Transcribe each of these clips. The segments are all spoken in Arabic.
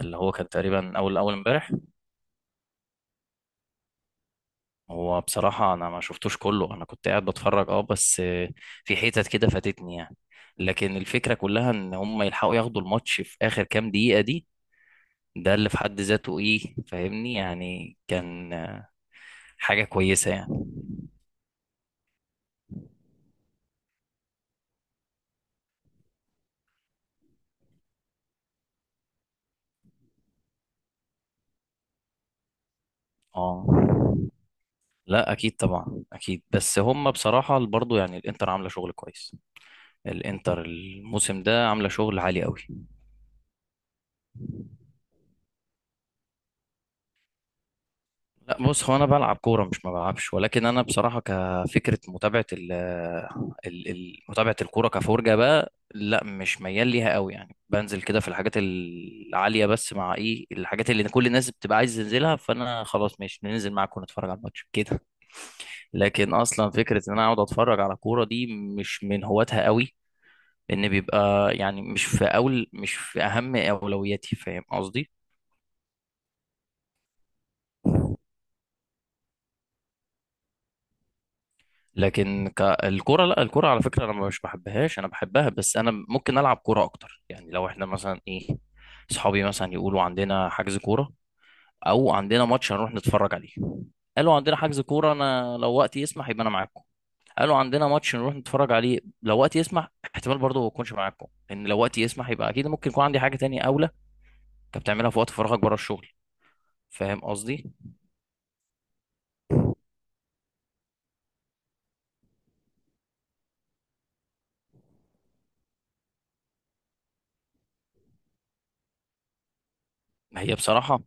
اللي هو كان تقريبا اول اول امبارح. هو بصراحه انا ما شفتوش كله، انا كنت قاعد بتفرج، بس في حتت كده فاتتني يعني. لكن الفكره كلها ان هم يلحقوا ياخدوا الماتش في اخر كام دقيقه دي، ده اللي في حد ذاته ايه، فاهمني؟ يعني كان حاجه كويسه يعني. اه، لا اكيد طبعا، اكيد. بس هم بصراحه برضو يعني الانتر عامله شغل كويس، الانتر الموسم ده عامله شغل عالي قوي. بص، هو انا بلعب كوره، مش ما بلعبش، ولكن انا بصراحه كفكره متابعه متابعه الكوره كفرجه بقى، لا، مش ميال ليها قوي. يعني بنزل كده في الحاجات العاليه، بس مع ايه الحاجات اللي كل الناس بتبقى عايز تنزلها، فانا خلاص، ماشي، ننزل معاكم نتفرج على الماتش كده. لكن اصلا فكره ان انا اقعد اتفرج على كوره دي مش من هواتها قوي، لان بيبقى يعني مش في اهم اولوياتي، فاهم قصدي؟ لكن الكرة، لا، الكرة على فكرة انا مش بحبهاش، انا بحبها، بس انا ممكن العب كرة اكتر. يعني لو احنا مثلا ايه، صحابي مثلا يقولوا عندنا حجز كورة، او عندنا ماتش هنروح نتفرج عليه. قالوا عندنا حجز كورة، انا لو وقتي يسمح يبقى انا معاكم. قالوا عندنا ماتش نروح نتفرج عليه، لو وقتي يسمح احتمال برضه ما اكونش معاكم، لان لو وقتي يسمح يبقى اكيد ممكن يكون عندي حاجة تانية اولى انت بتعملها في وقت فراغك بره الشغل، فاهم قصدي؟ ما هي بصراحة.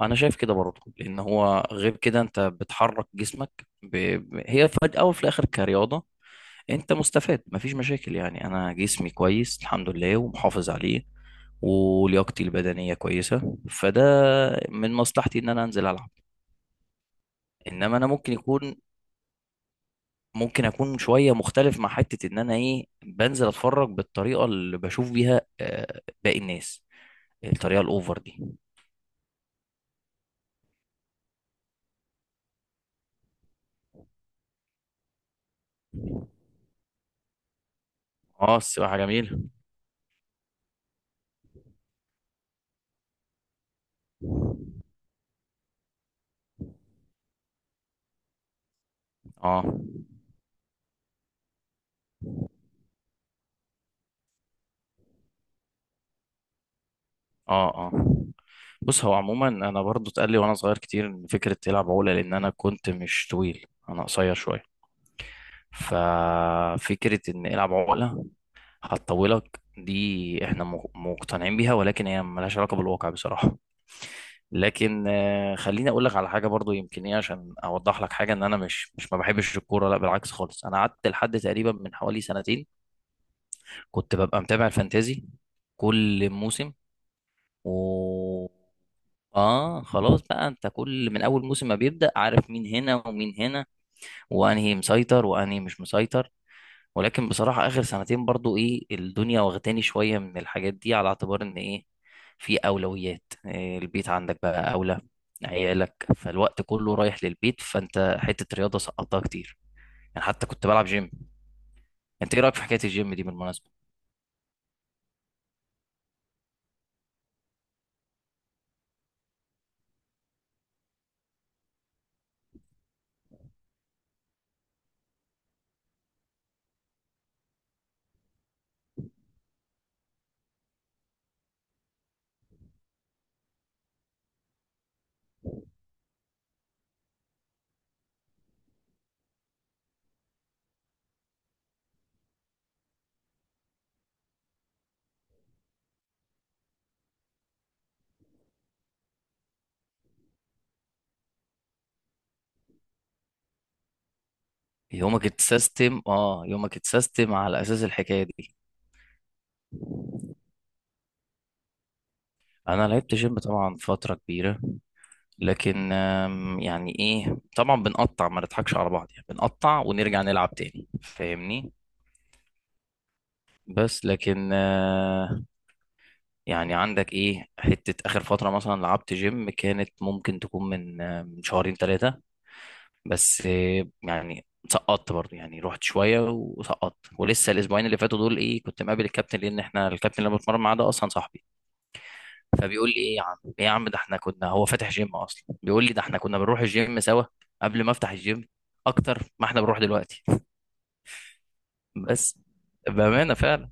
انا شايف كده برضه، لان هو غير كده انت بتحرك جسمك، هي في الاول وفي الاخر كرياضه انت مستفاد، مفيش مشاكل. يعني انا جسمي كويس، الحمد لله، ومحافظ عليه، ولياقتي البدنيه كويسه، فده من مصلحتي ان انا انزل العب. انما انا ممكن اكون شويه مختلف مع حته ان انا ايه بنزل اتفرج بالطريقه اللي بشوف بيها باقي الناس، الطريقه الاوفر دي. اه، السباحه جميله. اه، اه، اه، بص، هو عموما انا برضو اتقال لي وانا صغير كتير ان فكره تلعب عقله، لان انا كنت مش طويل، انا قصير شويه، ففكره ان العب عقله هتطولك دي احنا مقتنعين بيها، ولكن هي ملهاش علاقه بالواقع بصراحه. لكن خليني اقول لك على حاجه برضو يمكن ايه عشان اوضح لك حاجه ان انا مش ما بحبش الكوره، لا بالعكس خالص. انا قعدت لحد تقريبا من حوالي سنتين كنت ببقى متابع الفانتازي كل موسم و... اه، خلاص بقى، انت كل من اول موسم ما بيبدأ عارف مين هنا ومين هنا، وانهي مسيطر وانهي مش مسيطر. ولكن بصراحة اخر سنتين برضو ايه الدنيا واخداني شوية من الحاجات دي على اعتبار ان ايه، في اولويات، إيه، البيت عندك بقى اولى، عيالك، فالوقت كله رايح للبيت، فانت حتة رياضة سقطتها كتير. يعني حتى كنت بلعب جيم. انت ايه رأيك في حكاية الجيم دي بالمناسبة؟ يومك اتسيستم على اساس الحكاية دي. انا لعبت جيم طبعا فتره كبيره، لكن يعني ايه طبعا بنقطع، ما نضحكش على بعض، يعني بنقطع ونرجع نلعب تاني فاهمني. بس لكن يعني عندك ايه حته اخر فتره مثلا لعبت جيم كانت ممكن تكون من شهرين ثلاثه، بس يعني سقطت برضه، يعني رحت شويه وسقطت، ولسه الاسبوعين اللي فاتوا دول ايه كنت مقابل الكابتن، لان احنا الكابتن اللي بتمرن معاه ده اصلا صاحبي، فبيقول لي ايه يا عم، ايه يا عم، ده احنا كنا، هو فاتح جيم اصلا، بيقول لي ده احنا كنا بنروح الجيم سوا قبل ما افتح الجيم اكتر ما احنا بنروح دلوقتي. بس بامانه فعلا.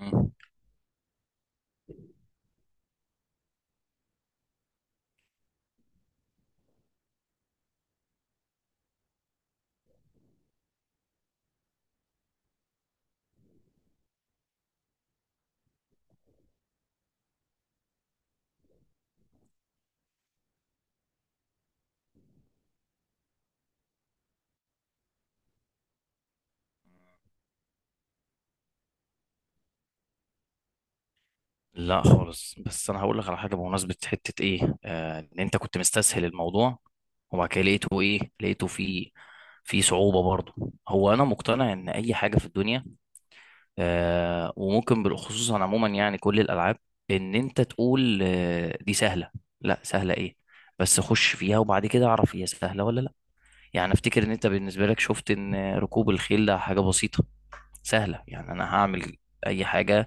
مم. لا خالص، بس انا هقول لك على حاجه بمناسبه حته ايه ان انت كنت مستسهل الموضوع، وبعد كده لقيته ايه، في في صعوبه برضه. هو انا مقتنع ان اي حاجه في الدنيا، وممكن بالخصوص عموما، يعني كل الالعاب ان انت تقول دي سهله، لا، سهله ايه، بس خش فيها وبعد كده اعرف هي سهله ولا لا. يعني افتكر ان انت بالنسبه لك شفت ان ركوب الخيل ده حاجه بسيطه سهله، يعني انا هعمل اي حاجه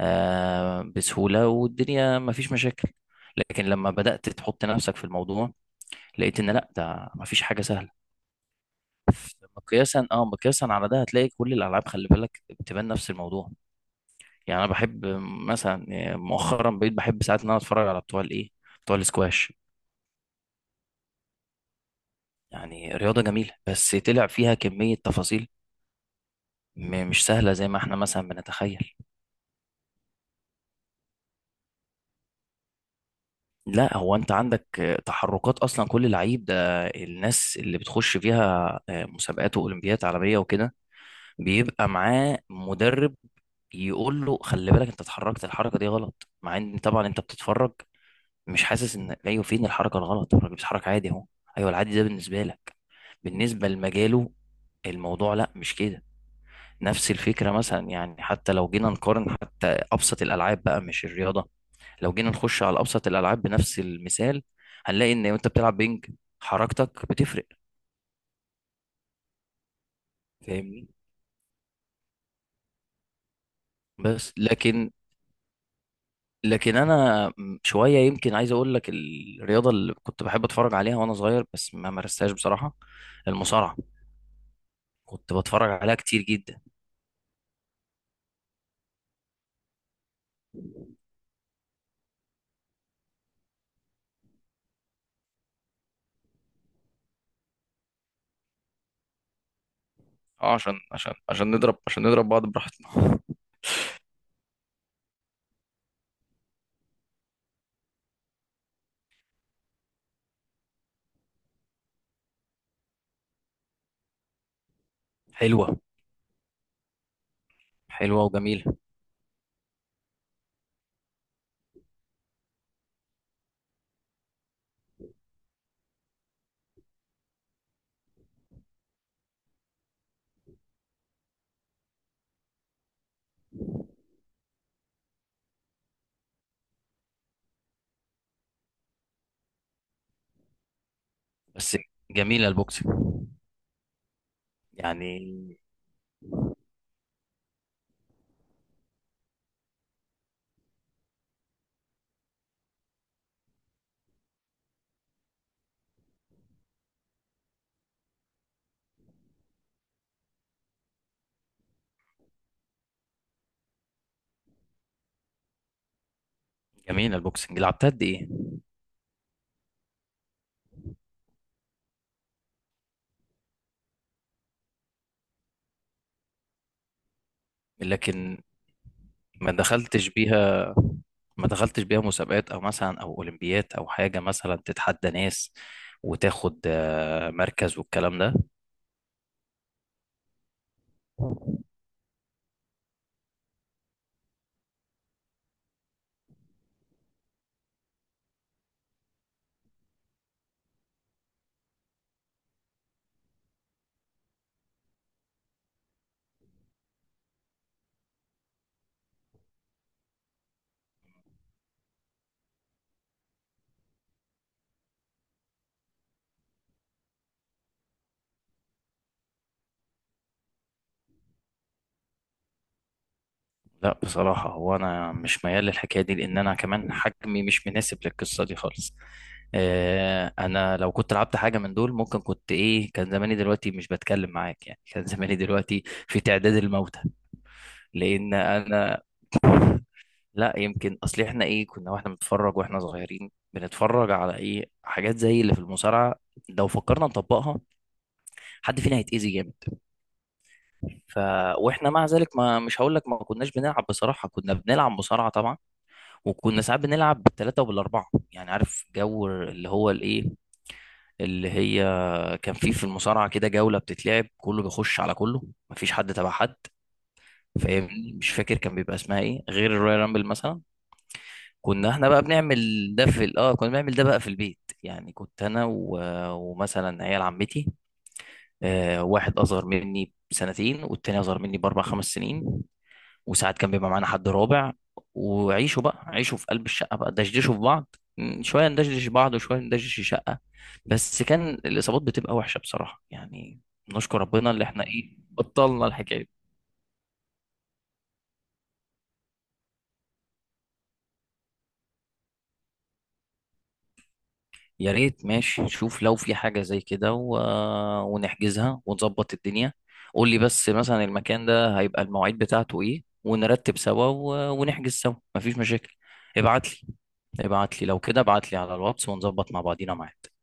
بسهوله والدنيا مفيش مشاكل، لكن لما بدات تحط نفسك في الموضوع لقيت ان لا، ده مفيش حاجه سهله. مقياسا على ده هتلاقي كل الالعاب، خلي بالك بتبان نفس الموضوع. يعني انا بحب مثلا، يعني مؤخرا بقيت بحب ساعات ان انا اتفرج على بتوع الايه، بتوع الاسكواش. يعني رياضه جميله بس طلع فيها كميه تفاصيل مش سهله زي ما احنا مثلا بنتخيل. لا، هو انت عندك تحركات اصلا، كل لعيب ده الناس اللي بتخش فيها مسابقات واولمبيات عالميه وكده بيبقى معاه مدرب يقول له خلي بالك انت اتحركت الحركه دي غلط، مع ان طبعا انت بتتفرج مش حاسس ان ايوه، فين الحركه الغلط، الراجل بيتحرك عادي اهو. ايوه، العادي ده بالنسبه لك، بالنسبه لمجاله الموضوع لا مش كده. نفس الفكره مثلا، يعني حتى لو جينا نقارن حتى ابسط الالعاب بقى مش الرياضه، لو جينا نخش على ابسط الالعاب بنفس المثال هنلاقي ان وانت بتلعب بينج حركتك بتفرق، فاهمني. بس لكن لكن انا شويه يمكن عايز اقول لك الرياضه اللي كنت بحب اتفرج عليها وانا صغير بس ما مارستهاش بصراحه، المصارعه. كنت بتفرج عليها كتير جدا. اه، عشان نضرب بعض براحتنا. حلوة. حلوة وجميلة. بس. جميلة البوكسنج. يعني. جميلة البوكسنج لعبتها قد ايه؟ لكن ما دخلتش بيها ما دخلتش بيها مسابقات او مثلا اولمبيات او حاجة مثلا تتحدى ناس وتاخد مركز والكلام ده. لا بصراحة، هو أنا مش ميال للحكاية دي، لأن أنا كمان حجمي مش مناسب للقصة دي خالص. أنا لو كنت لعبت حاجة من دول ممكن كنت إيه، كان زماني دلوقتي مش بتكلم معاك، يعني كان زماني دلوقتي في تعداد الموتى. لأن أنا لا، يمكن أصل إحنا إيه كنا، وإحنا بنتفرج وإحنا صغيرين بنتفرج على إيه حاجات زي اللي في المصارعة، لو فكرنا نطبقها حد فينا هيتأذي جامد. ف... وإحنا مع ذلك ما، مش هقول لك ما كناش بنلعب، بصراحة كنا بنلعب مصارعة طبعا، وكنا ساعات بنلعب بالثلاثة وبالأربعة. يعني عارف جو اللي هو الإيه، اللي هي كان فيه في المصارعة كده جولة بتتلعب كله بيخش على كله، مفيش حد تبع حد، فاهمني. مش فاكر كان بيبقى اسمها ايه غير الرويال رامبل مثلا. كنا احنا بقى بنعمل ده في ال- اه كنا بنعمل ده بقى في البيت، يعني كنت انا و... ومثلا عيال عمتي، آه، واحد اصغر مني بسنتين والتاني اصغر مني باربع خمس سنين، وساعات كان بيبقى معانا حد رابع. وعيشوا بقى، عيشوا في قلب الشقة بقى، دشدشوا في بعض، شوية ندشدش بعض وشوية ندشدش الشقة. بس كان الإصابات بتبقى وحشة بصراحة يعني، نشكر ربنا اللي احنا ايه بطلنا الحكاية دي. يا ريت، ماشي، شوف لو في حاجة زي كده و... ونحجزها ونظبط الدنيا. قول لي بس مثلا المكان ده هيبقى المواعيد بتاعته ايه، ونرتب سوا و... ونحجز سوا، مفيش مشاكل. ابعت لي. ابعت لي لو كده، ابعت لي على الواتس ونظبط مع بعضينا معاك.